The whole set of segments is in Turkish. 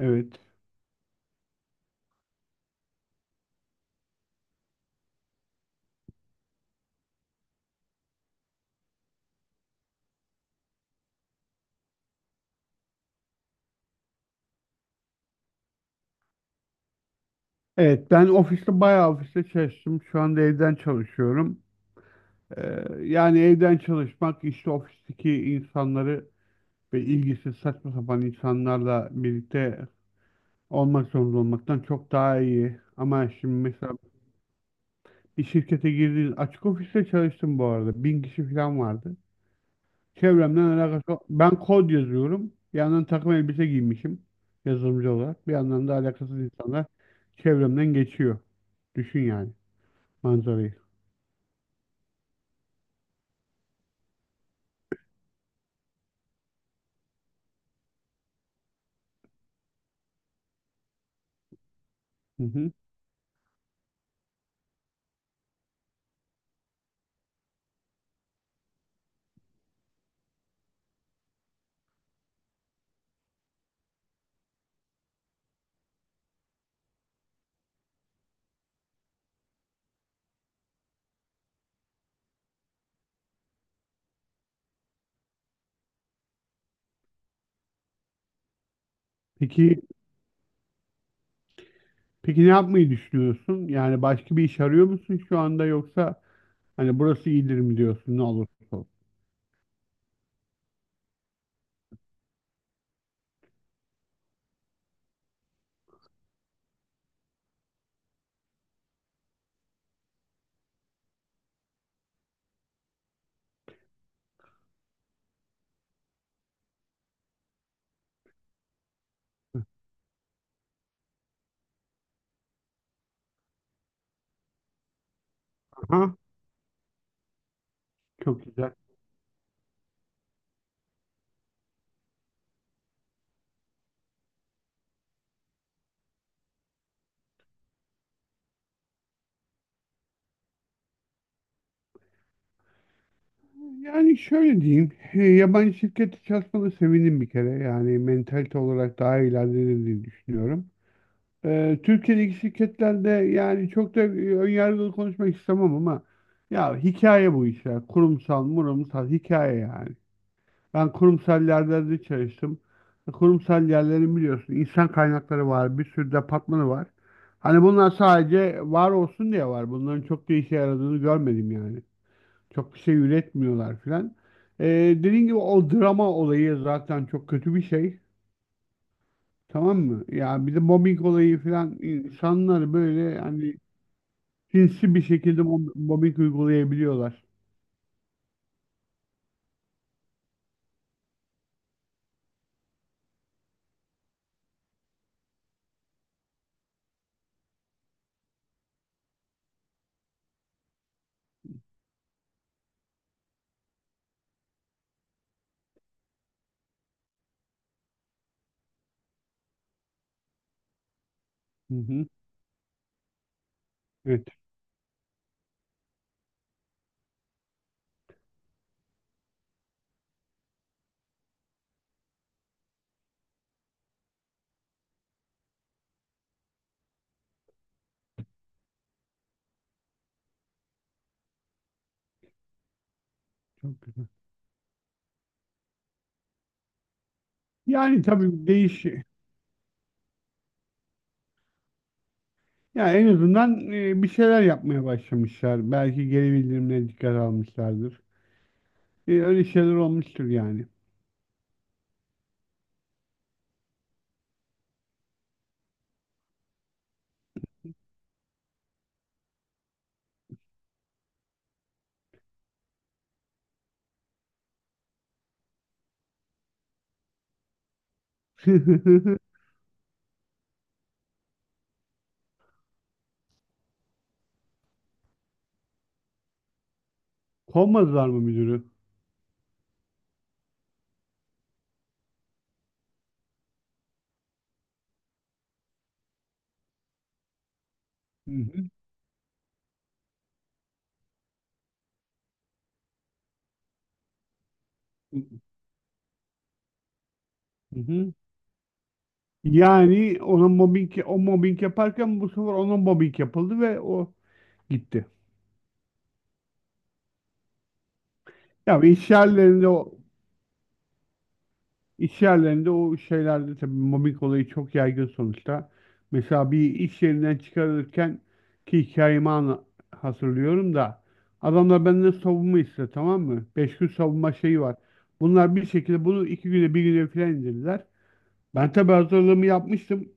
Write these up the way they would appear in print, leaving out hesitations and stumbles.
Evet. Evet Ben ofiste ofiste çalıştım. Şu anda evden çalışıyorum. Yani evden çalışmak işte ofisteki insanları ve ilgisiz saçma sapan insanlarla birlikte olmak zorunda olmaktan çok daha iyi. Ama şimdi mesela bir şirkete girdiğiniz açık ofiste çalıştım bu arada. Bin kişi falan vardı. Çevremden alakası yok. Ben kod yazıyorum. Bir yandan takım elbise giymişim yazılımcı olarak. Bir yandan da alakasız insanlar çevremden geçiyor. Düşün yani manzarayı. Hı hı. Peki peki ne yapmayı düşünüyorsun? Yani başka bir iş arıyor musun şu anda yoksa hani burası iyidir mi diyorsun ne olursa olsun? Aha, çok güzel. Yani şöyle diyeyim, yabancı şirkette çalışmana sevindim bir kere. Yani mentalite olarak daha ilerlediğini diye düşünüyorum. Türkiye'deki şirketlerde yani çok da önyargılı konuşmak istemem ama ya hikaye bu işler. Kurumsal, murumsal hikaye yani. Ben kurumsal yerlerde çalıştım. Kurumsal yerlerin biliyorsun insan kaynakları var, bir sürü departmanı var. Hani bunlar sadece var olsun diye var. Bunların çok da işe yaradığını görmedim yani. Çok bir şey üretmiyorlar filan. Ee, Dediğim gibi o drama olayı zaten çok kötü bir şey. Tamam mı? Ya bir de mobbing olayı filan insanlar böyle hani sinsi bir şekilde mobbing uygulayabiliyorlar. Hı hı. Evet, çok güzel. Yani tabii değiş. Ya en azından bir şeyler yapmaya başlamışlar. Belki geri bildirimlere dikkat almışlardır. Öyle şeyler olmuştur yani. Kovmadılar mı müdürü? Hı hı. Hı hı. Yani ona mobbing, o mobbing yaparken bu sefer ona mobbing yapıldı ve o gitti. Ya yani iş yerlerinde o. İş yerlerinde o şeylerde tabii mobbing olayı çok yaygın sonuçta. Mesela bir iş yerinden çıkarılırken ki hatırlıyorum da adamlar benden savunma istedi, tamam mı? Beş gün savunma şeyi var. Bunlar bir şekilde bunu iki güne, bir güne filan indirdiler. Ben tabii hazırlığımı yapmıştım.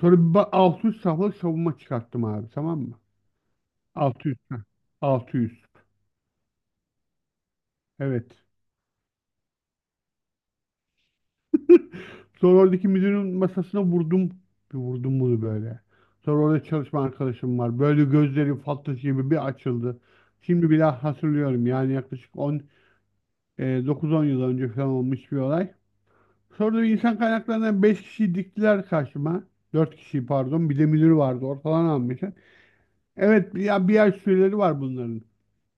Sonra 600 sayfalık savunma çıkarttım abi, tamam mı? 600. 600. Evet. Sonra oradaki müdürün masasına vurdum. Bir vurdum bunu böyle. Sonra orada çalışma arkadaşım var. Böyle gözleri fal taşı gibi bir açıldı. Şimdi bile hatırlıyorum. Yani yaklaşık 9-10 yıl önce falan olmuş bir olay. Sonra da insan kaynaklarından 5 kişi diktiler karşıma. 4 kişi pardon. Bir de müdür vardı. Ortalan almışlar. Evet ya bir ay süreleri var bunların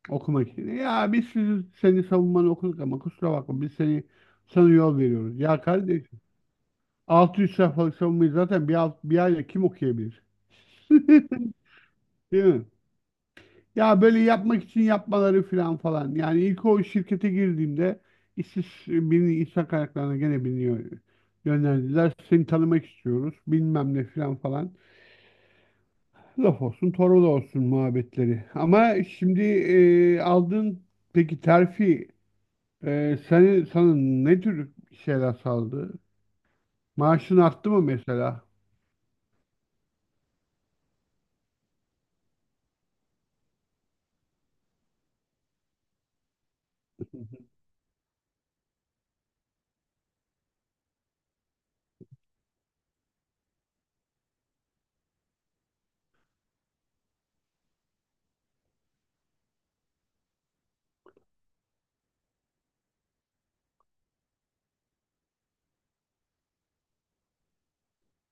okumak için. Ya biz seni savunmanı okuduk ama kusura bakma biz seni sana yol veriyoruz. Ya kardeş, 600 sayfalık savunmayı zaten bir ayda kim okuyabilir? Değil mi? Ya böyle yapmak için yapmaları falan falan. Yani ilk o şirkete girdiğimde işsiz birini insan kaynaklarına gene yönlendirdiler. Seni tanımak istiyoruz. Bilmem ne falan falan. Laf olsun, torba da olsun muhabbetleri. Ama şimdi aldığın peki terfi sana ne tür şeyler sağladı? Maaşın arttı mı mesela?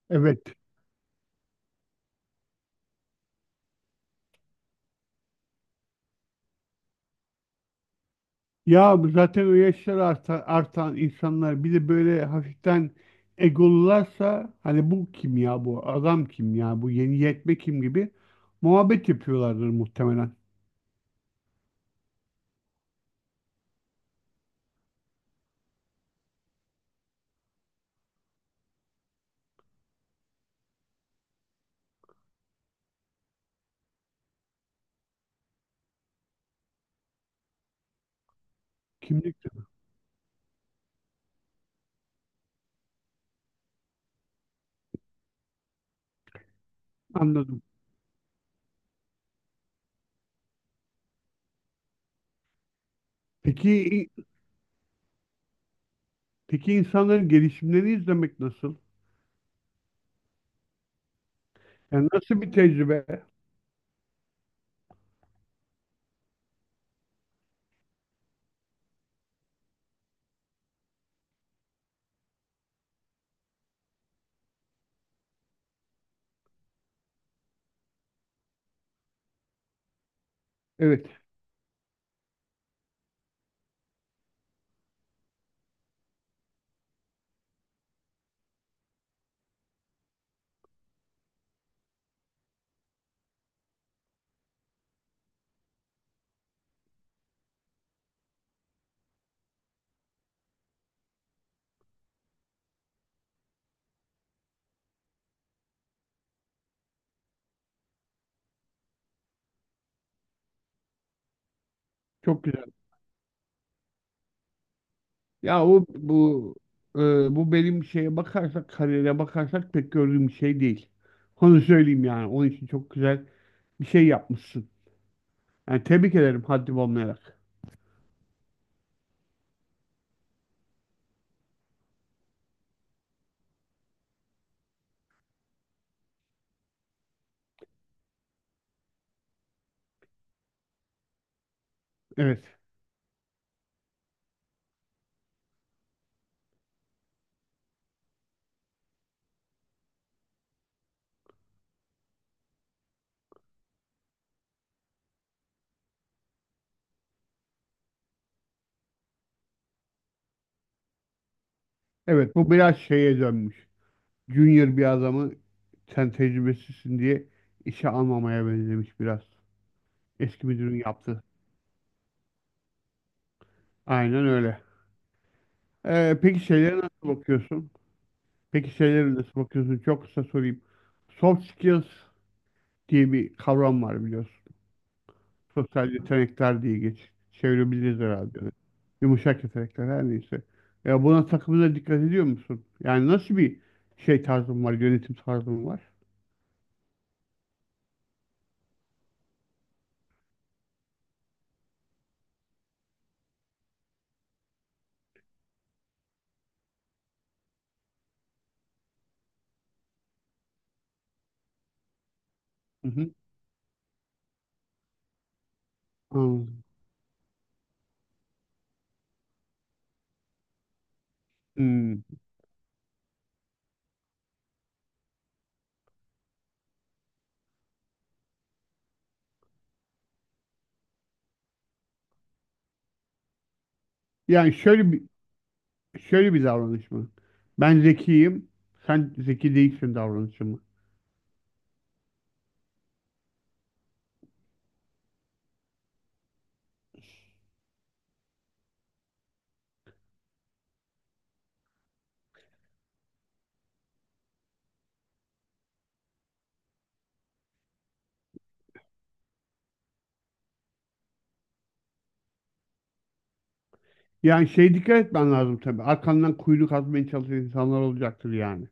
Evet. Ya zaten o yaşlar artan insanlar bir de böyle hafiften egolularsa hani bu kim ya, bu adam kim ya, bu yeni yetme kim gibi muhabbet yapıyorlardır muhtemelen. Kimlik anladım. Peki peki insanların gelişimlerini izlemek nasıl? Yani nasıl bir tecrübe? Evet, çok güzel. Ya o bu e, Bu benim şeye bakarsak, kariyere bakarsak pek gördüğüm bir şey değil. Onu söyleyeyim yani. Onun için çok güzel bir şey yapmışsın. Yani tebrik ederim haddim olmayarak. Evet. Evet, bu biraz şeye dönmüş. Junior bir adamı sen tecrübesizsin diye işe almamaya benzemiş biraz. Eski müdürün yaptı. Aynen öyle. Peki şeylere nasıl bakıyorsun? Peki şeylere nasıl bakıyorsun? Çok kısa sorayım. Soft skills diye bir kavram var biliyorsun. Sosyal yetenekler diye çevirebiliriz herhalde. Yumuşak yetenekler her neyse. Ya buna takımına dikkat ediyor musun? Yani nasıl bir şey tarzın var, yönetim tarzın var? Hı hı. Anladım. Hmm. Yani şöyle bir Şöyle bir davranış mı? Ben zekiyim, sen zeki değilsin davranışı mı? Yani şey dikkat etmen lazım tabii. Arkandan kuyunu kazmaya çalışan insanlar olacaktır yani.